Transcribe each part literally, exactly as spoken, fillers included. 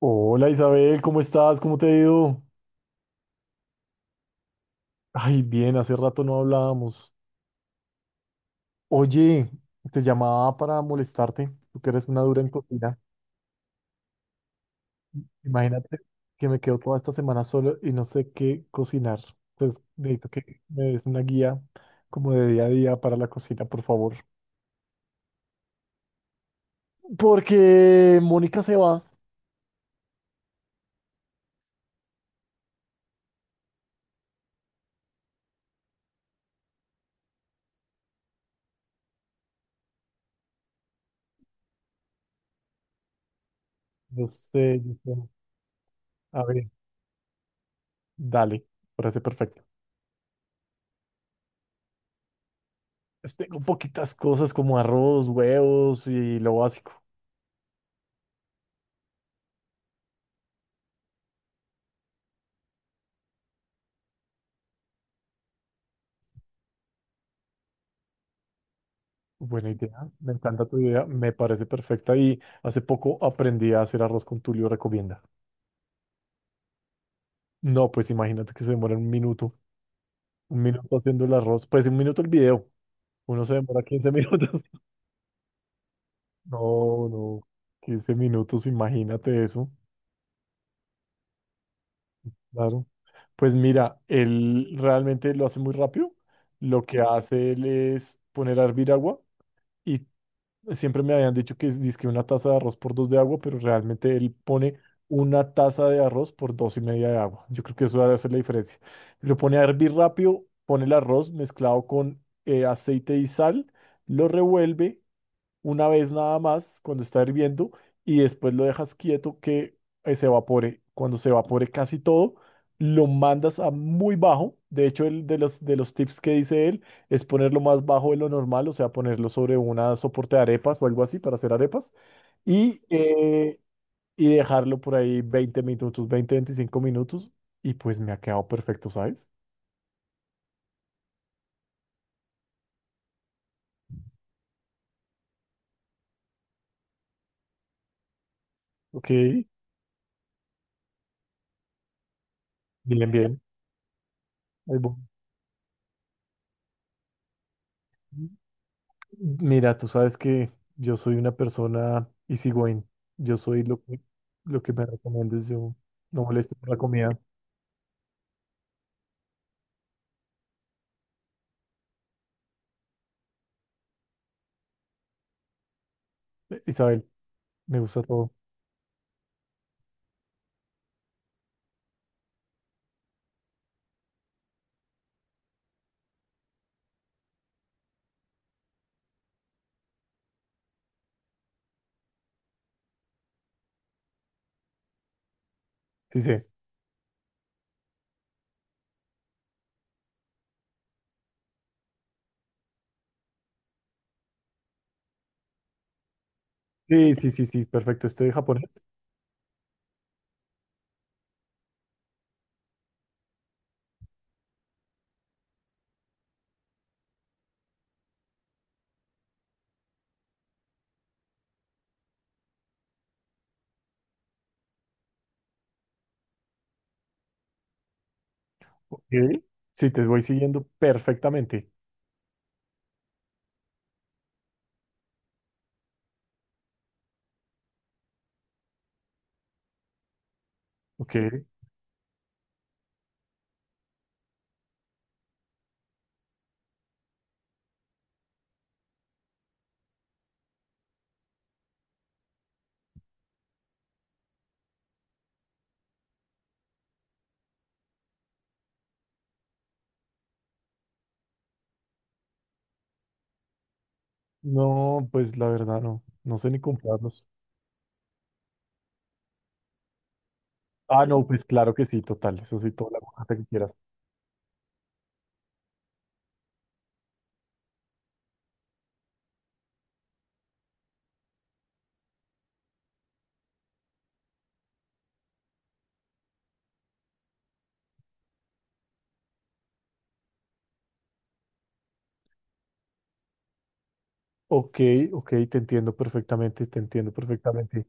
Hola Isabel, ¿cómo estás? ¿Cómo te ha ido? Ay, bien, hace rato no hablábamos. Oye, te llamaba para molestarte, tú que eres una dura en cocina. Imagínate que me quedo toda esta semana solo y no sé qué cocinar. Entonces, necesito que me des una guía como de día a día para la cocina, por favor. Porque Mónica se va. Yo sé, yo sé. A ver, dale, parece perfecto. Pues tengo poquitas cosas como arroz, huevos y lo básico. Buena idea, me encanta tu idea, me parece perfecta y hace poco aprendí a hacer arroz con Tulio, recomienda. No, pues imagínate que se demora un minuto, un minuto haciendo el arroz, pues un minuto el video, uno se demora quince minutos. No, no, quince minutos, imagínate eso, claro. Pues mira, él realmente lo hace muy rápido, lo que hace él es poner a hervir agua y siempre me habían dicho que es dizque una taza de arroz por dos de agua, pero realmente él pone una taza de arroz por dos y media de agua. Yo creo que eso debe hacer la diferencia. Lo pone a hervir rápido, pone el arroz mezclado con eh, aceite y sal, lo revuelve una vez nada más cuando está hirviendo y después lo dejas quieto que eh, se evapore. Cuando se evapore casi todo, lo mandas a muy bajo. De hecho, el de los, de los tips que dice él es ponerlo más bajo de lo normal, o sea, ponerlo sobre una soporte de arepas o algo así para hacer arepas y, eh, y dejarlo por ahí veinte minutos, veinte veinticinco minutos y pues me ha quedado perfecto, ¿sabes? Ok, bien, bien. Ahí voy. Mira, tú sabes que yo soy una persona easygoing. Yo soy lo que, lo que me recomiendes. Yo no molesto por la comida. Eh, Isabel, me gusta todo. Sí, sí. Sí, sí, sí, sí, perfecto. Estoy de japonés. Ok. Sí, te voy siguiendo perfectamente. Ok. No, pues la verdad no. No sé ni comprarlos. Ah, no, pues claro que sí, total. Eso sí, toda la aguacate que quieras. Ok, ok, te entiendo perfectamente, te entiendo perfectamente.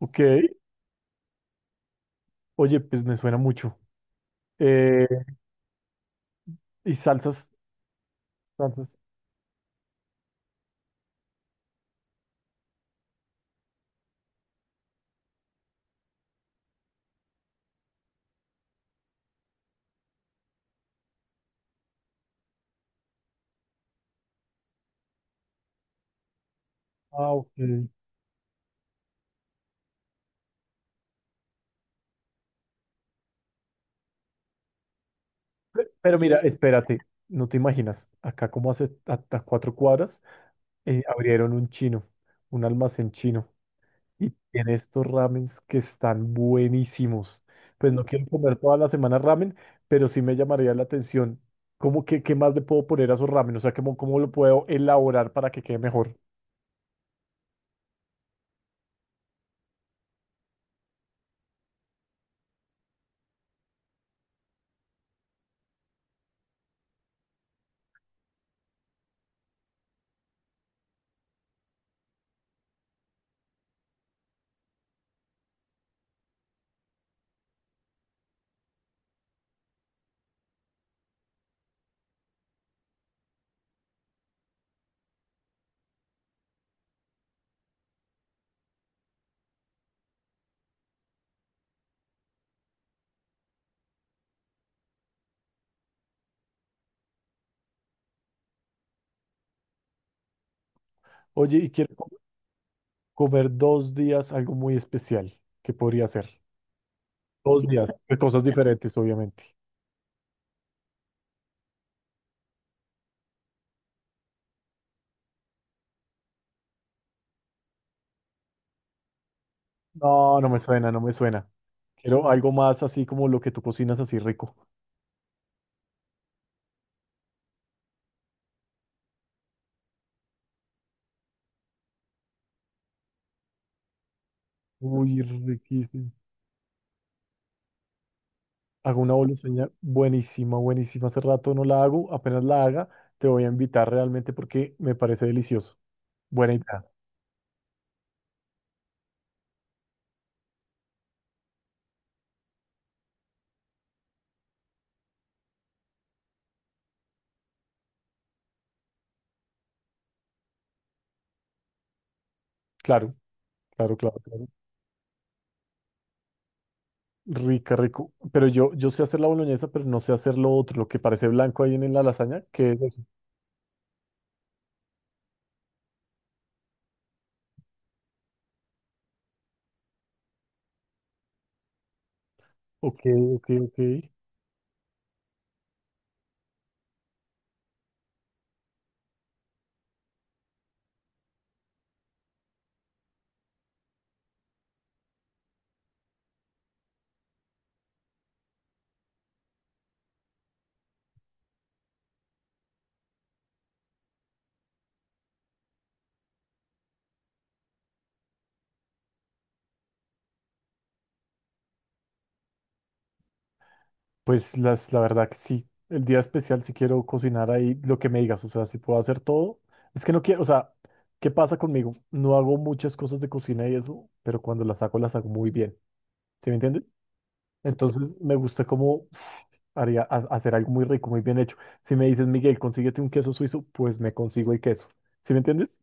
Ok. Oye, pues me suena mucho. Eh, ¿Y salsas? Entonces, ah, ok. Pe- Pero mira, espérate, no te imaginas, acá como hace hasta cuatro cuadras, eh, abrieron un chino, un almacén chino, y tiene estos ramens que están buenísimos. Pues no quiero comer toda la semana ramen, pero sí me llamaría la atención. ¿Cómo que qué más le puedo poner a esos ramen? O sea, ¿cómo, cómo lo puedo elaborar para que quede mejor? Oye, y quiero co- comer dos días algo muy especial. ¿Qué podría hacer? Dos días, de cosas diferentes, obviamente. No, no me suena, no me suena. Quiero algo más así como lo que tú cocinas así rico. Uy, riquísimo. Hago una boloseña buenísima, buenísima. Hace rato no la hago, apenas la haga, te voy a invitar realmente porque me parece delicioso. Buena idea. Claro, claro, claro, claro. Rica, rico. Pero yo, yo sé hacer la boloñesa, pero no sé hacer lo otro, lo que parece blanco ahí en la lasaña. ¿Qué es eso? Ok, ok, ok. Pues las, la verdad que sí, el día especial si quiero cocinar ahí lo que me digas, o sea, si puedo hacer todo, es que no quiero, o sea, ¿qué pasa conmigo? No hago muchas cosas de cocina y eso, pero cuando las hago, las hago muy bien, ¿sí me entiendes? Entonces me gusta cómo haría ha- hacer algo muy rico, muy bien hecho. Si me dices, Miguel, consíguete un queso suizo, pues me consigo el queso, ¿sí me entiendes?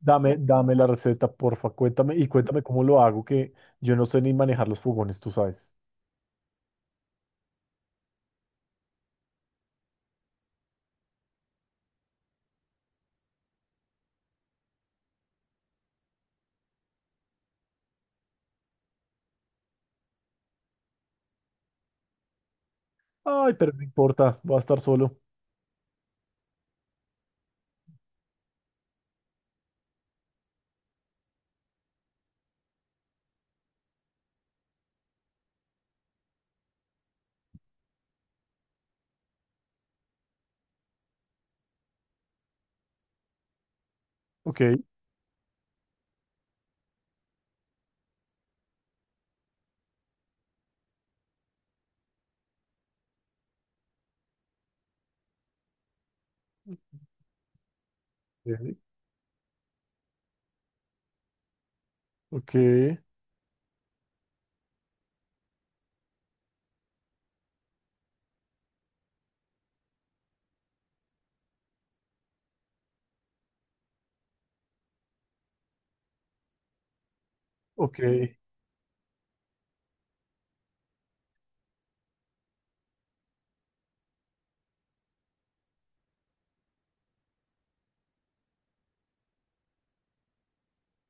Dame, dame la receta, porfa, cuéntame y cuéntame cómo lo hago, que yo no sé ni manejar los fogones, tú sabes. Ay, pero no importa, voy a estar solo. Ok. Ok, ok,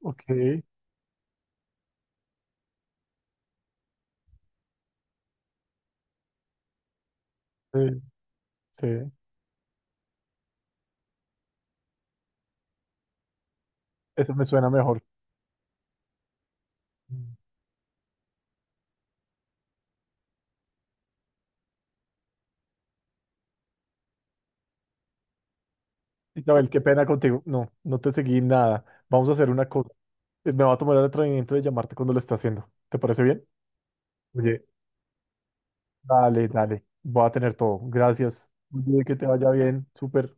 ok, sí, sí, eso me suena mejor. Mm. Isabel, qué pena contigo. No, no te seguí nada. Vamos a hacer una cosa. Eh, Me va a tomar el atrevimiento de llamarte cuando lo esté haciendo. ¿Te parece bien? Oye, dale, dale. Voy a tener todo. Gracias. Oye, que te vaya bien. Súper.